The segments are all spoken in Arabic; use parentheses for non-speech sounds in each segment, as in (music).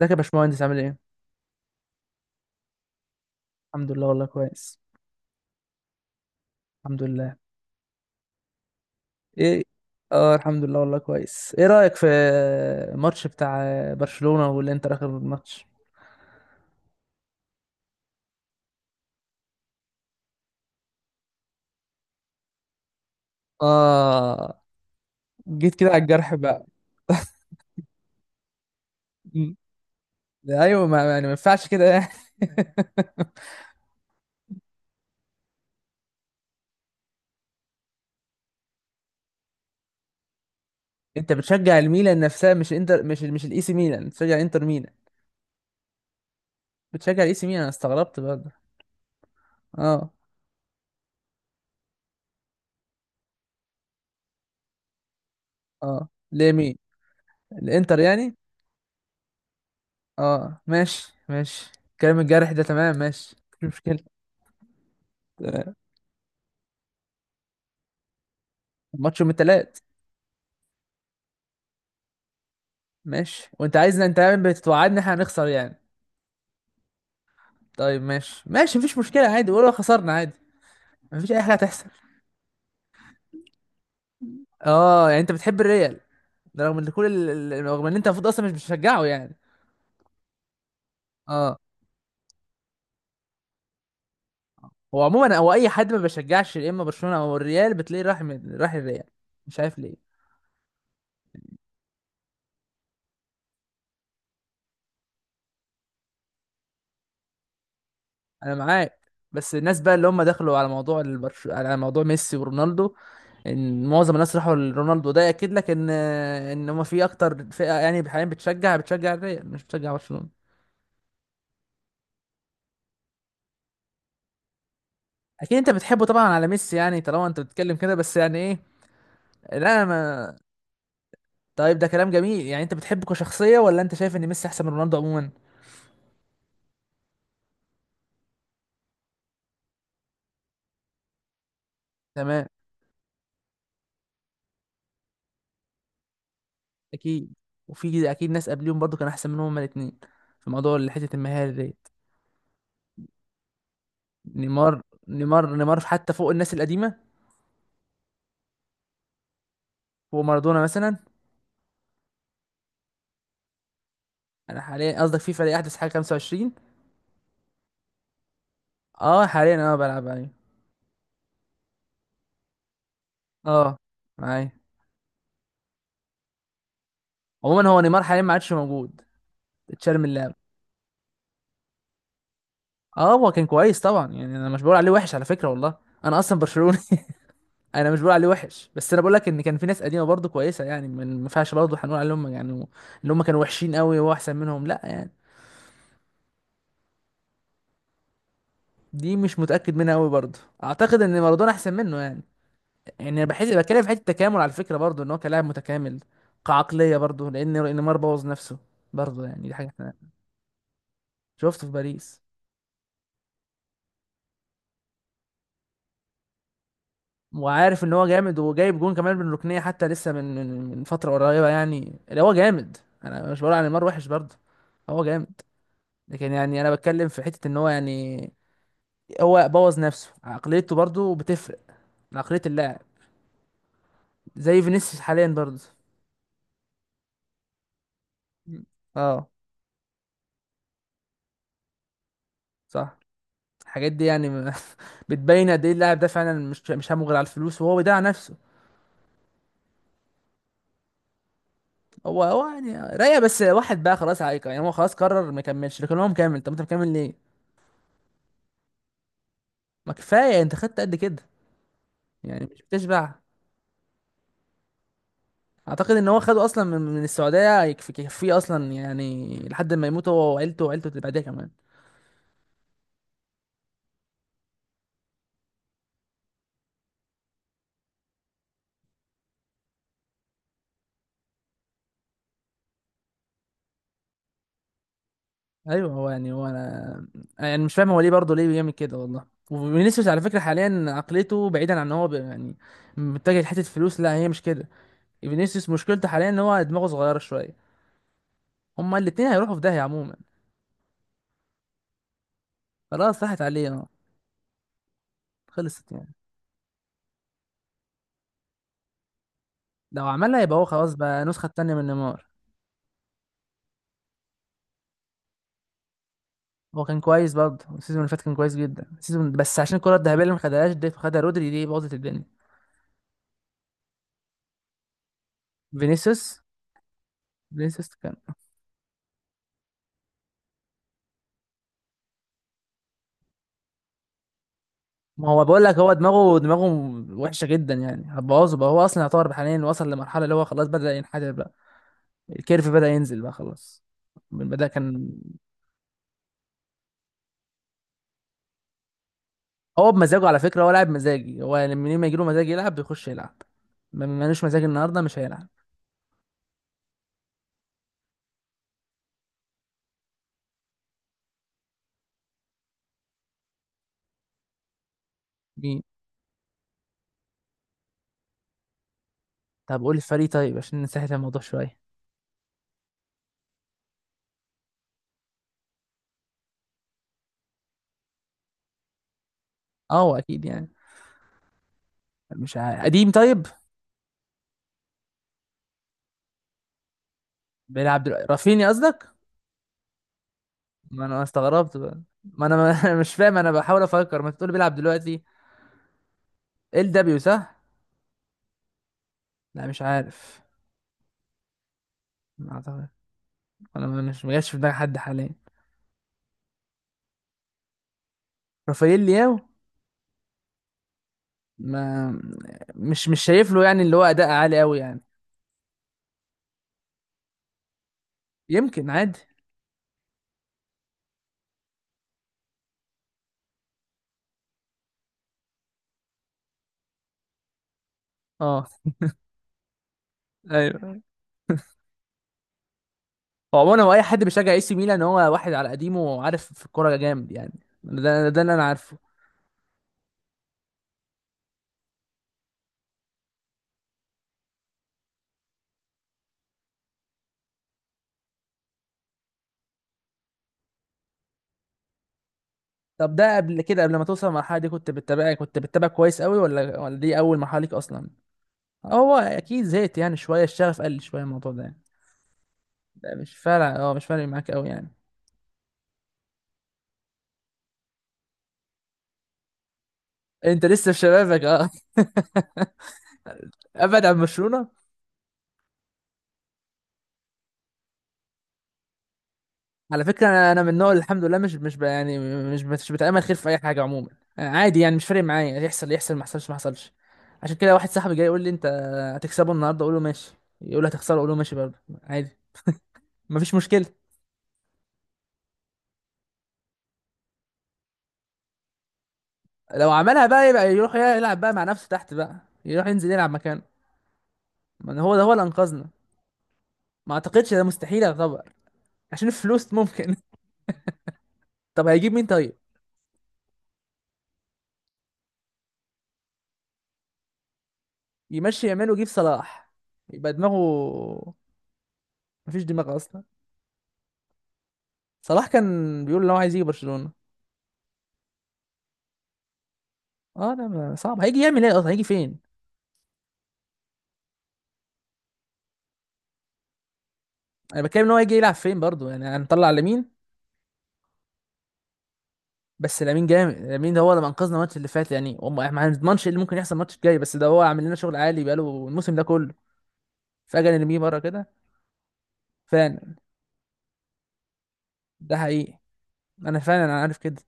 ازيك يا باشمهندس، عامل ايه؟ الحمد لله والله كويس. الحمد لله. ايه. اه، الحمد لله والله كويس. ايه رأيك في الماتش بتاع برشلونة والانتر اخر الماتش؟ اه، جيت كده على الجرح بقى. (laughs) مم. ايوه، ما يعني ما ينفعش كده يعني. (laughs) انت بتشجع الميلان نفسها؟ مش انتر، مش الاي سي ميلان، بتشجع انتر ميلان؟ بتشجع الاي سي ميلان؟ انا استغربت برضه. اه. اه، ليه؟ مين؟ الانتر يعني؟ اه ماشي ماشي، كلام الجرح ده تمام ماشي. مش مشكلة. ماتش يوم التلات. ماشي، وانت عايزنا، انت يعني بتوعدني احنا هنخسر يعني. طيب ماشي ماشي، مفيش مشكلة، عادي ولو خسرنا عادي. مفيش أي حاجة هتحصل. اه يعني انت بتحب الريال ده رغم ان رغم ان انت المفروض اصلا مش بتشجعه يعني. اه. هو عموما، هو اي حد ما بيشجعش يا اما برشلونة او الريال بتلاقيه راح الريال. مش عارف ليه. انا معاك. بس الناس بقى اللي هم دخلوا على على موضوع ميسي ورونالدو، ان معظم الناس راحوا لرونالدو، ده ياكد لك ان هم في اكتر فئه يعني حاليا بتشجع الريال، مش بتشجع برشلونه. اكيد انت بتحبه طبعا على ميسي يعني، طالما انت بتتكلم كده، بس يعني ايه؟ لا ما. طيب ده كلام جميل يعني، انت بتحبه كشخصيه، ولا انت شايف ان ميسي احسن من رونالدو عموما؟ تمام. اكيد. وفي اكيد ناس قبليهم برضو كان احسن منهم هما الاثنين في موضوع اللي حته المهاري ديت. نيمار. نيمار نيمار في حتى فوق الناس القديمه، فوق مارادونا مثلا. انا حاليا، قصدك فيفا، دي احدث حاجه، 25. اه حاليا انا بلعب عليه. اه، معايا. عموما هو نيمار حاليا ما عادش موجود، اتشال من اللعب. اه، هو كان كويس طبعا يعني، انا مش بقول عليه وحش على فكره والله، انا اصلا برشلوني. (laughs) انا مش بقول عليه وحش، بس انا بقول لك ان كان في ناس قديمه برضه كويسه، يعني ما ينفعش برضه هنقول عليهم يعني اللي هم كانوا وحشين قوي وهو احسن منهم، لا يعني. دي مش متاكد منها قوي برضه، اعتقد ان مارادونا احسن منه يعني. يعني انا بحس، بتكلم في حته التكامل على فكره برضه، ان هو كلاعب متكامل كعقليه برضه، لان نيمار بوظ نفسه برضه، يعني دي حاجه احنا. شفته في باريس. وعارف ان هو جامد، وجايب جون كمان من ركنيه حتى لسه من فتره قريبه يعني، اللي هو جامد. انا مش بقول عن نيمار وحش برضه، هو جامد، لكن يعني انا بتكلم في حته ان هو يعني، هو بوظ نفسه. عقليته برضه بتفرق، عقليه اللاعب، زي فينيسيوس حاليا برضه. اه صح. الحاجات دي يعني (laughs) بتبين قد ايه اللاعب ده فعلا، مش همه غير على الفلوس، وهو بيضيع نفسه. هو يعني رايق، بس واحد بقى خلاص عايق يعني، هو خلاص قرر ما يكملش، لكن هو مكمل. طب انت مكمل ليه؟ ما كفايه انت خدت قد كده. يعني مش بتشبع. اعتقد ان هو خده اصلا من السعوديه، يكفيه اصلا يعني، لحد ما يموت هو وعيلته، وعيلته اللي بعدها كمان. ايوه هو يعني، هو انا يعني مش فاهم هو ليه برضه، ليه بيعمل كده والله. وفينيسيوس على فكره حاليا عقليته، بعيدا عن ان هو يعني متجه لحته فلوس، لا هي مش كده. فينيسيوس مشكلته حاليا ان هو دماغه صغيره شويه. هما الاتنين هيروحوا في داهيه عموما. خلاص راحت عليه اه. خلصت يعني. لو عملها يبقى هو خلاص بقى النسخه التانيه من نيمار. هو كان كويس برضه، السيزون اللي فات كان كويس جدا السيزون، بس عشان الكرة الذهبية اللي ما خدهاش دي، خدها رودري دي، باظت الدنيا. فينيسيوس فينيسيوس كان. ما هو بقول لك، هو دماغه وحشة جدا يعني، هتبوظه بقى، هو اصلا يعتبر حاليا وصل لمرحلة اللي هو خلاص بدأ ينحدر بقى. الكيرف بدأ ينزل بقى خلاص، من بدأ كان. هو بمزاجه على فكرة، هو لاعب مزاجي، هو لما يجيله مزاج يلعب بيخش يلعب. مالوش مزاج النهاردة مش هيلعب. مين؟ طب قول الفريق طيب عشان نسهل الموضوع شوية. اه هو اكيد يعني. مش عارف. قديم؟ طيب. بيلعب دلوقتي؟ رافينيا قصدك؟ ما انا استغربت بقى، ما انا ما (laughs) مش فاهم، انا بحاول افكر، ما تقول بيلعب دلوقتي. ال دبليو صح. لا مش عارف. ما اعتقد. انا مش ما جاش في دماغي حد حاليا. رافائيل لياو. ما مش شايف له يعني اللي هو اداء عالي قوي يعني، يمكن عادي. اه. ايوه، هو عموما هو اي حد بيشجع اي سي ميلان هو واحد على قديمه وعارف في الكوره جامد يعني، ده اللي انا عارفه. طب ده قبل كده، قبل ما توصل المرحله دي، كنت بتتابع كويس قوي؟ ولا دي اول مرحله ليك اصلا؟ هو اكيد زهقت يعني شويه، الشغف قل شويه الموضوع ده يعني. ده مش فارق، مش فارق معاك قوي يعني. انت لسه في شبابك اه. (laughs) ابعد عن برشلونه. على فكره، انا من النوع اللي الحمد لله مش مش ب- يعني مش بتامل خير في اي حاجه عموما. آه، عادي يعني مش فارق معايا، يحصل يحصل، ما يحصلش ما حصلش. عشان كده واحد صاحبي جاي يقول لي انت هتكسبه النهارده، اقول له ماشي. يقول لي هتخسره، اقول له ماشي برضه، عادي، مفيش مشكله. لو عملها بقى يبقى يروح يلعب بقى مع نفسه تحت بقى، يروح ينزل يلعب مكانه. ما هو ده هو اللي انقذنا. ما اعتقدش ده مستحيل يعتبر. عشان الفلوس ممكن. طب هيجيب مين طيب؟ يمشي يعمل ويجيب صلاح. يبقى دماغه، مفيش دماغ اصلا. صلاح كان بيقول ان هو عايز يجي برشلونة. اه، لا، صعب، هيجي يعمل ايه اصلا؟ هيجي فين؟ انا بتكلم ان هو هيجي يلعب فين برضو يعني، هنطلع لامين؟ بس لامين جامد، لامين ده هو اللي انقذنا الماتش اللي فات يعني، احنا ما هنضمنش ايه اللي ممكن يحصل الماتش الجاي، بس ده هو عامل لنا شغل عالي بقاله الموسم ده كله. فجأة نرميه بره كده. فعلا. ده حقيقي. انا فعلا انا عارف كده.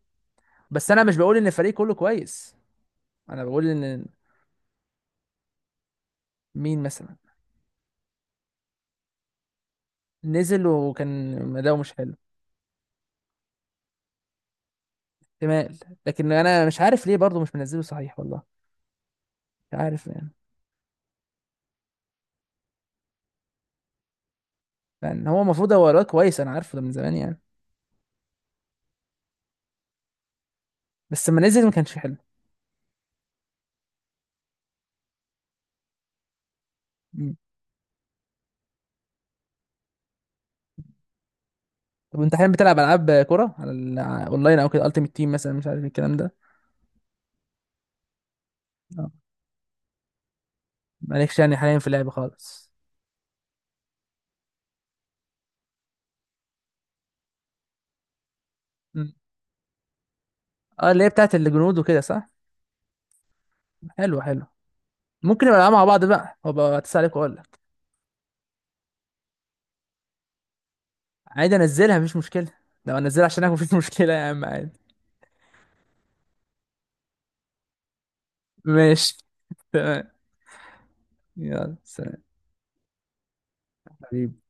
بس انا مش بقول ان الفريق كله كويس. انا بقول ان. مين مثلا؟ نزل وكان أداؤه مش حلو. احتمال. لكن انا مش عارف ليه برضه، مش منزله صحيح والله. مش عارف يعني. لان هو المفروض، هو الواد كويس انا عارفه ده من زمان يعني، بس لما نزل ما كانش حلو. مم. طب انت حاليا بتلعب العاب كوره على اونلاين او كده، التيمت تيم مثلا، مش عارف الكلام ده؟ اه. مالكش يعني حاليا في اللعب خالص. مم. اه، اللي هي بتاعت الجنود وكده صح؟ حلو حلو. ممكن نبقى نلعب مع بعض بقى، هبقى اتصل عليك واقول لك. عادي انزلها مفيش مشكله. لو انزلها عشانك مفيش مشكله يا عم، عادي. ماشي. (laughs) تمام. يلا سلام. حبيبي.